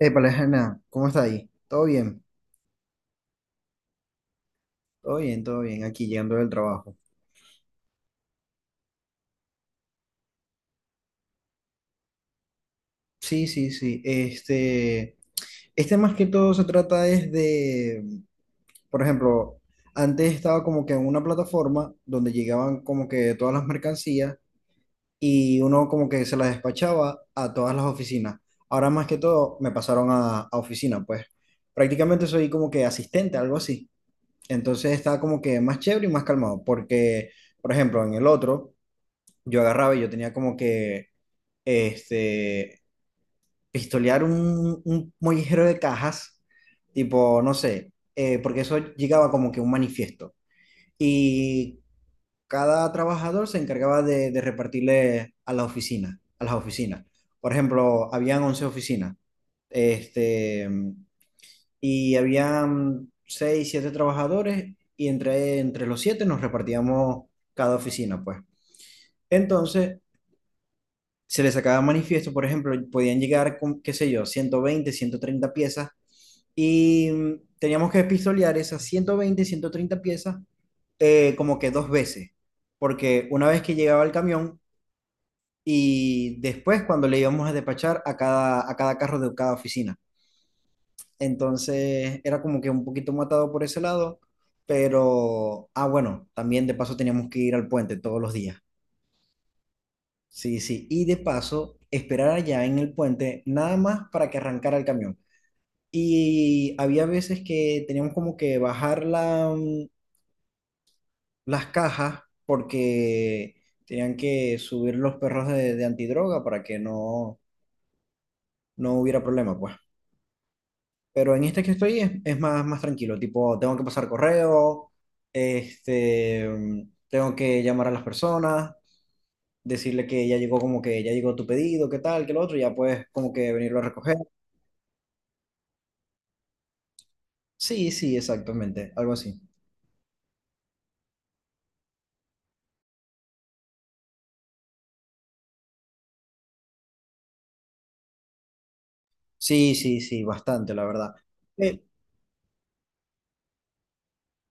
Épale, Jana, ¿cómo está ahí? ¿Todo bien? Todo bien, todo bien, aquí llegando del trabajo. Sí, sí, sí. Este, más que todo se trata es de, por ejemplo, antes estaba como que en una plataforma donde llegaban como que todas las mercancías y uno como que se las despachaba a todas las oficinas. Ahora más que todo me pasaron a oficina, pues prácticamente soy como que asistente, algo así. Entonces está como que más chévere y más calmado, porque, por ejemplo, en el otro, yo agarraba y yo tenía como que este, pistolear un mollejero de cajas, tipo, no sé, porque eso llegaba como que un manifiesto. Y cada trabajador se encargaba de repartirle a la oficina, a las oficinas. Por ejemplo, habían 11 oficinas, este, y habían 6 7 trabajadores, y entre los 7 nos repartíamos cada oficina, pues. Entonces, se les sacaba manifiesto, por ejemplo, podían llegar con, qué sé yo, 120, 130 piezas y teníamos que pistolear esas 120, ciento treinta piezas como que dos veces, porque una vez que llegaba el camión y después cuando le íbamos a despachar a cada carro de cada oficina. Entonces era como que un poquito matado por ese lado, pero, ah, bueno, también de paso teníamos que ir al puente todos los días. Sí, sí, y de paso, esperar allá en el puente nada más para que arrancara el camión. Y había veces que teníamos como que bajar las cajas porque tenían que subir los perros de antidroga para que no hubiera problema, pues. Pero en este que estoy es más, más tranquilo, tipo, tengo que pasar correo, este, mm, tengo que llamar a las personas, decirle que ya llegó como que ya llegó tu pedido, qué tal, qué lo otro, y ya puedes como que venirlo a recoger. Sí, sí, exactamente, algo así. Sí, sí, sí, bastante, la verdad. Eh,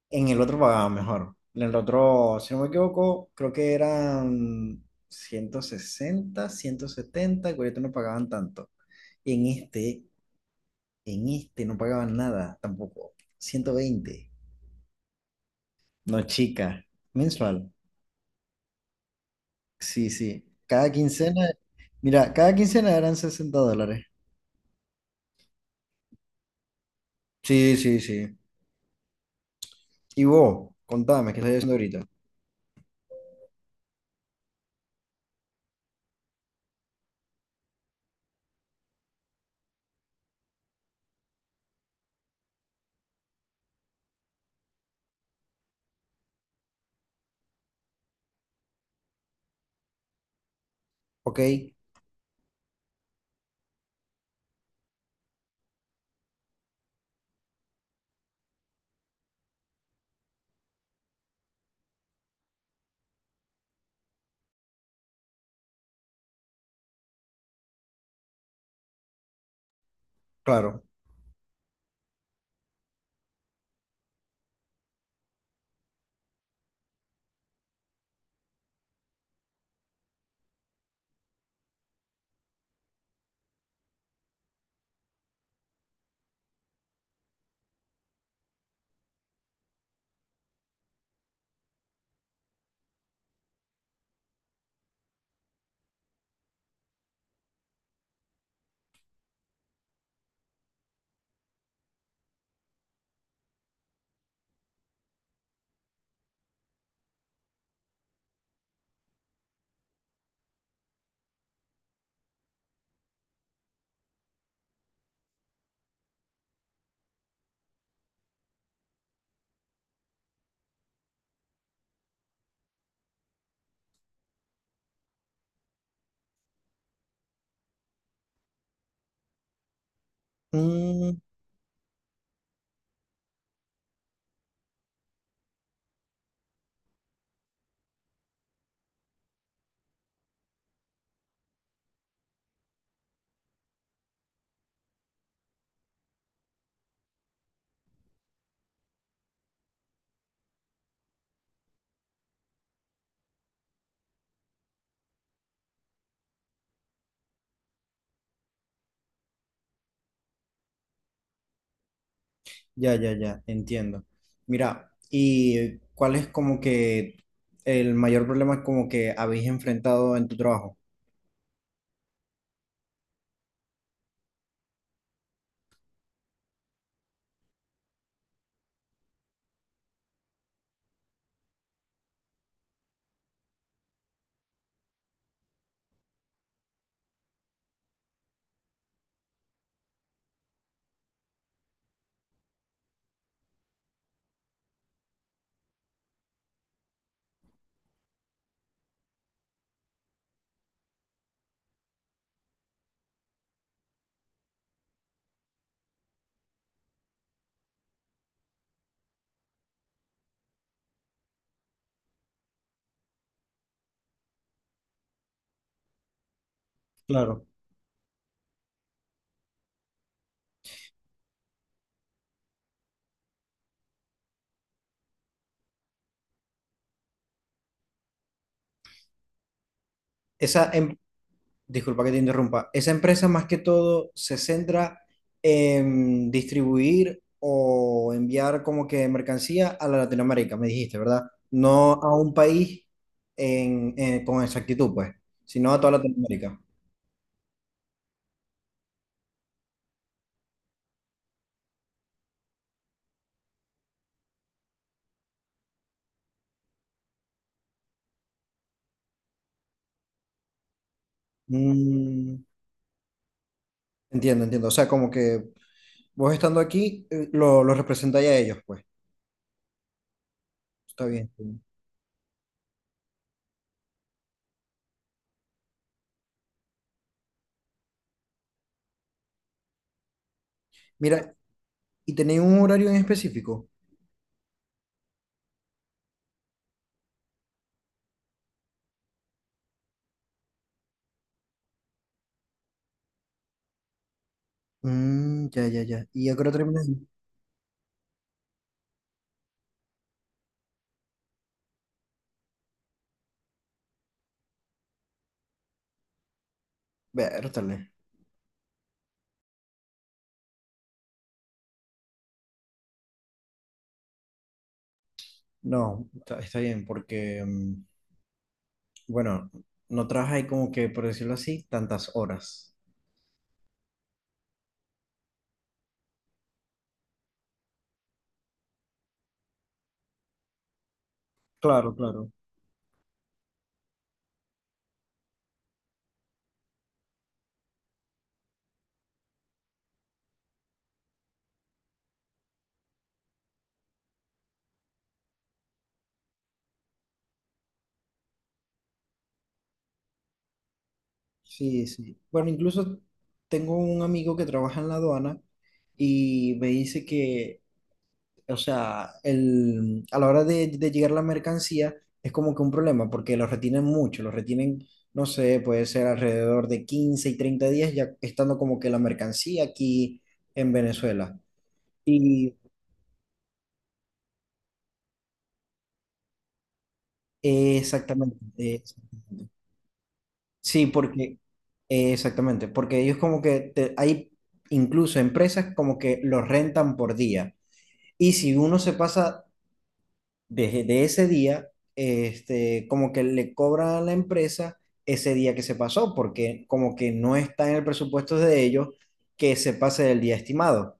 en el otro pagaba mejor. En el otro, si no me equivoco, creo que eran 160, 170, y ahorita no pagaban tanto. Y en este no pagaban nada tampoco. 120. No, chica, mensual. Sí, sí. Cada quincena, mira, cada quincena eran $60. Sí, sí, sí. Y vos, contame, ¿qué estás haciendo ahorita? Ok, claro. Mm, ya, ya, ya, entiendo. Mira, ¿y cuál es como que el mayor problema como que habéis enfrentado en tu trabajo? Claro. Esa, em- Disculpa que te interrumpa, esa empresa más que todo se centra en distribuir o enviar como que mercancía a la Latinoamérica, me dijiste, ¿verdad? No a un país con exactitud, pues, sino a toda Latinoamérica. Mm, entiendo, entiendo. O sea, como que vos estando aquí, lo representáis a ellos, pues. Está bien. Está bien. Mira, ¿y tenéis un horario en específico? Mm, ya, ya, ya. ¿Y a qué hora termináis? Vértale. No, está bien, porque, bueno, no trabajáis como que, por decirlo así, tantas horas. Claro, claro. Sí, sí. Bueno, incluso tengo un amigo que trabaja en la aduana y me dice que, o sea, a la hora de llegar la mercancía es como que un problema, porque los retienen mucho, los retienen, no sé, puede ser alrededor de 15 y 30 días ya estando como que la mercancía aquí en Venezuela. Y exactamente, sí, porque, exactamente, porque ellos como que hay incluso empresas como que los rentan por día. Y si uno se pasa desde de ese día, como que le cobra a la empresa ese día que se pasó, porque como que no está en el presupuesto de ellos que se pase del día estimado.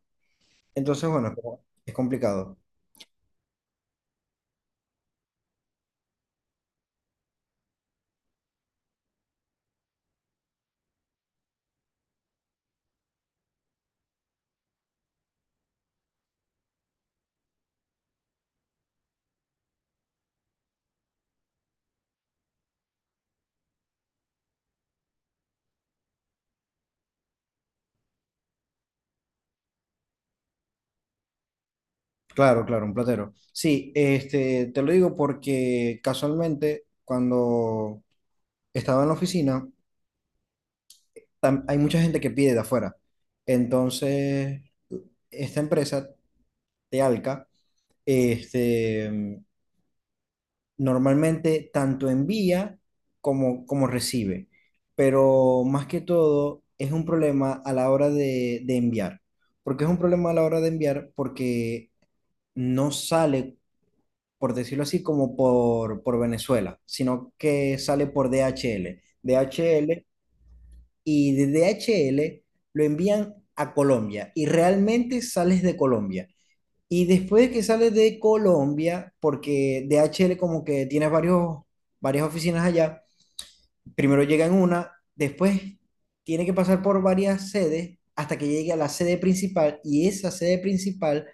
Entonces, bueno, es complicado. Claro, claro, un platero. Sí, te lo digo porque casualmente cuando estaba en la oficina, hay mucha gente que pide de afuera. Entonces, esta empresa, Tealca, este, normalmente tanto envía como recibe, pero más que todo es un problema a la hora de enviar. ¿Por qué es un problema a la hora de enviar? Porque no sale, por decirlo así, como por Venezuela, sino que sale por DHL. DHL y de DHL lo envían a Colombia y realmente sales de Colombia. Y después de que sales de Colombia, porque DHL como que tiene varias oficinas allá, primero llega en una, después tiene que pasar por varias sedes hasta que llegue a la sede principal y esa sede principal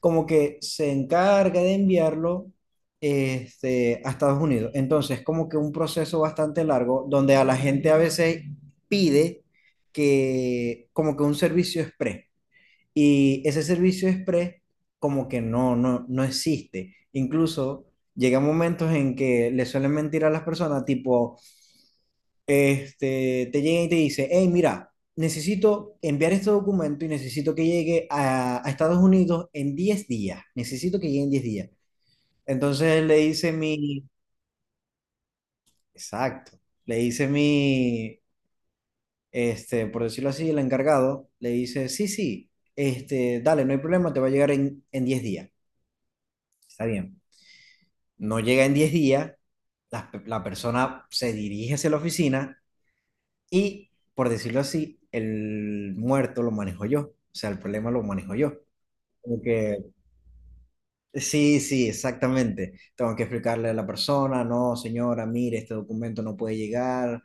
como que se encarga de enviarlo, a Estados Unidos. Entonces, como que un proceso bastante largo donde a la gente a veces pide que como que un servicio express. Y ese servicio express como que no existe. Incluso llegan momentos en que le suelen mentir a las personas, tipo, te llega y te dice: hey, mira, necesito enviar este documento y necesito que llegue a Estados Unidos en 10 días. Necesito que llegue en 10 días. Entonces le dice mi, exacto, le dice mi, por decirlo así, el encargado, le dice, sí, sí, dale, no hay problema, te va a llegar en 10 días. Está bien. No llega en 10 días, la persona se dirige hacia la oficina y, por decirlo así, el muerto lo manejo yo, o sea, el problema lo manejo yo. Como que, sí, sí, exactamente. Tengo que explicarle a la persona, no, señora, mire, este documento no puede llegar,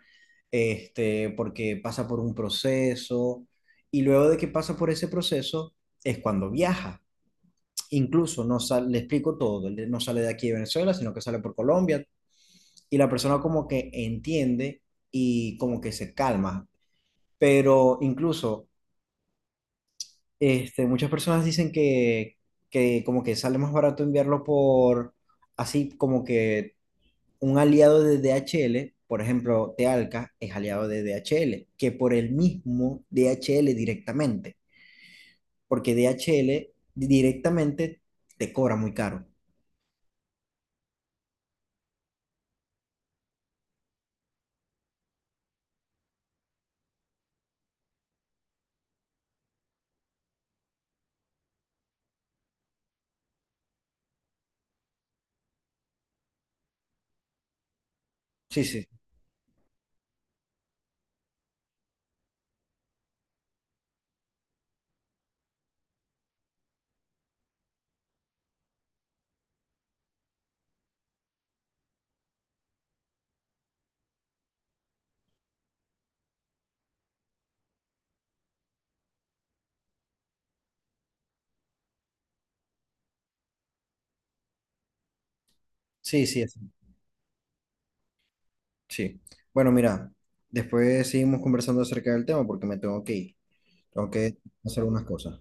porque pasa por un proceso. Y luego de que pasa por ese proceso es cuando viaja. Incluso no sale, le explico todo, él no sale de aquí de Venezuela, sino que sale por Colombia, y la persona como que entiende y como que se calma. Pero incluso muchas personas dicen que como que sale más barato enviarlo por así como que un aliado de DHL, por ejemplo, Tealca es aliado de DHL que por el mismo DHL directamente, porque DHL directamente te cobra muy caro. Sí, sí, sí, sí, sí. Sí. Bueno, mira, después seguimos conversando acerca del tema porque me tengo que ir. Tengo que hacer unas cosas.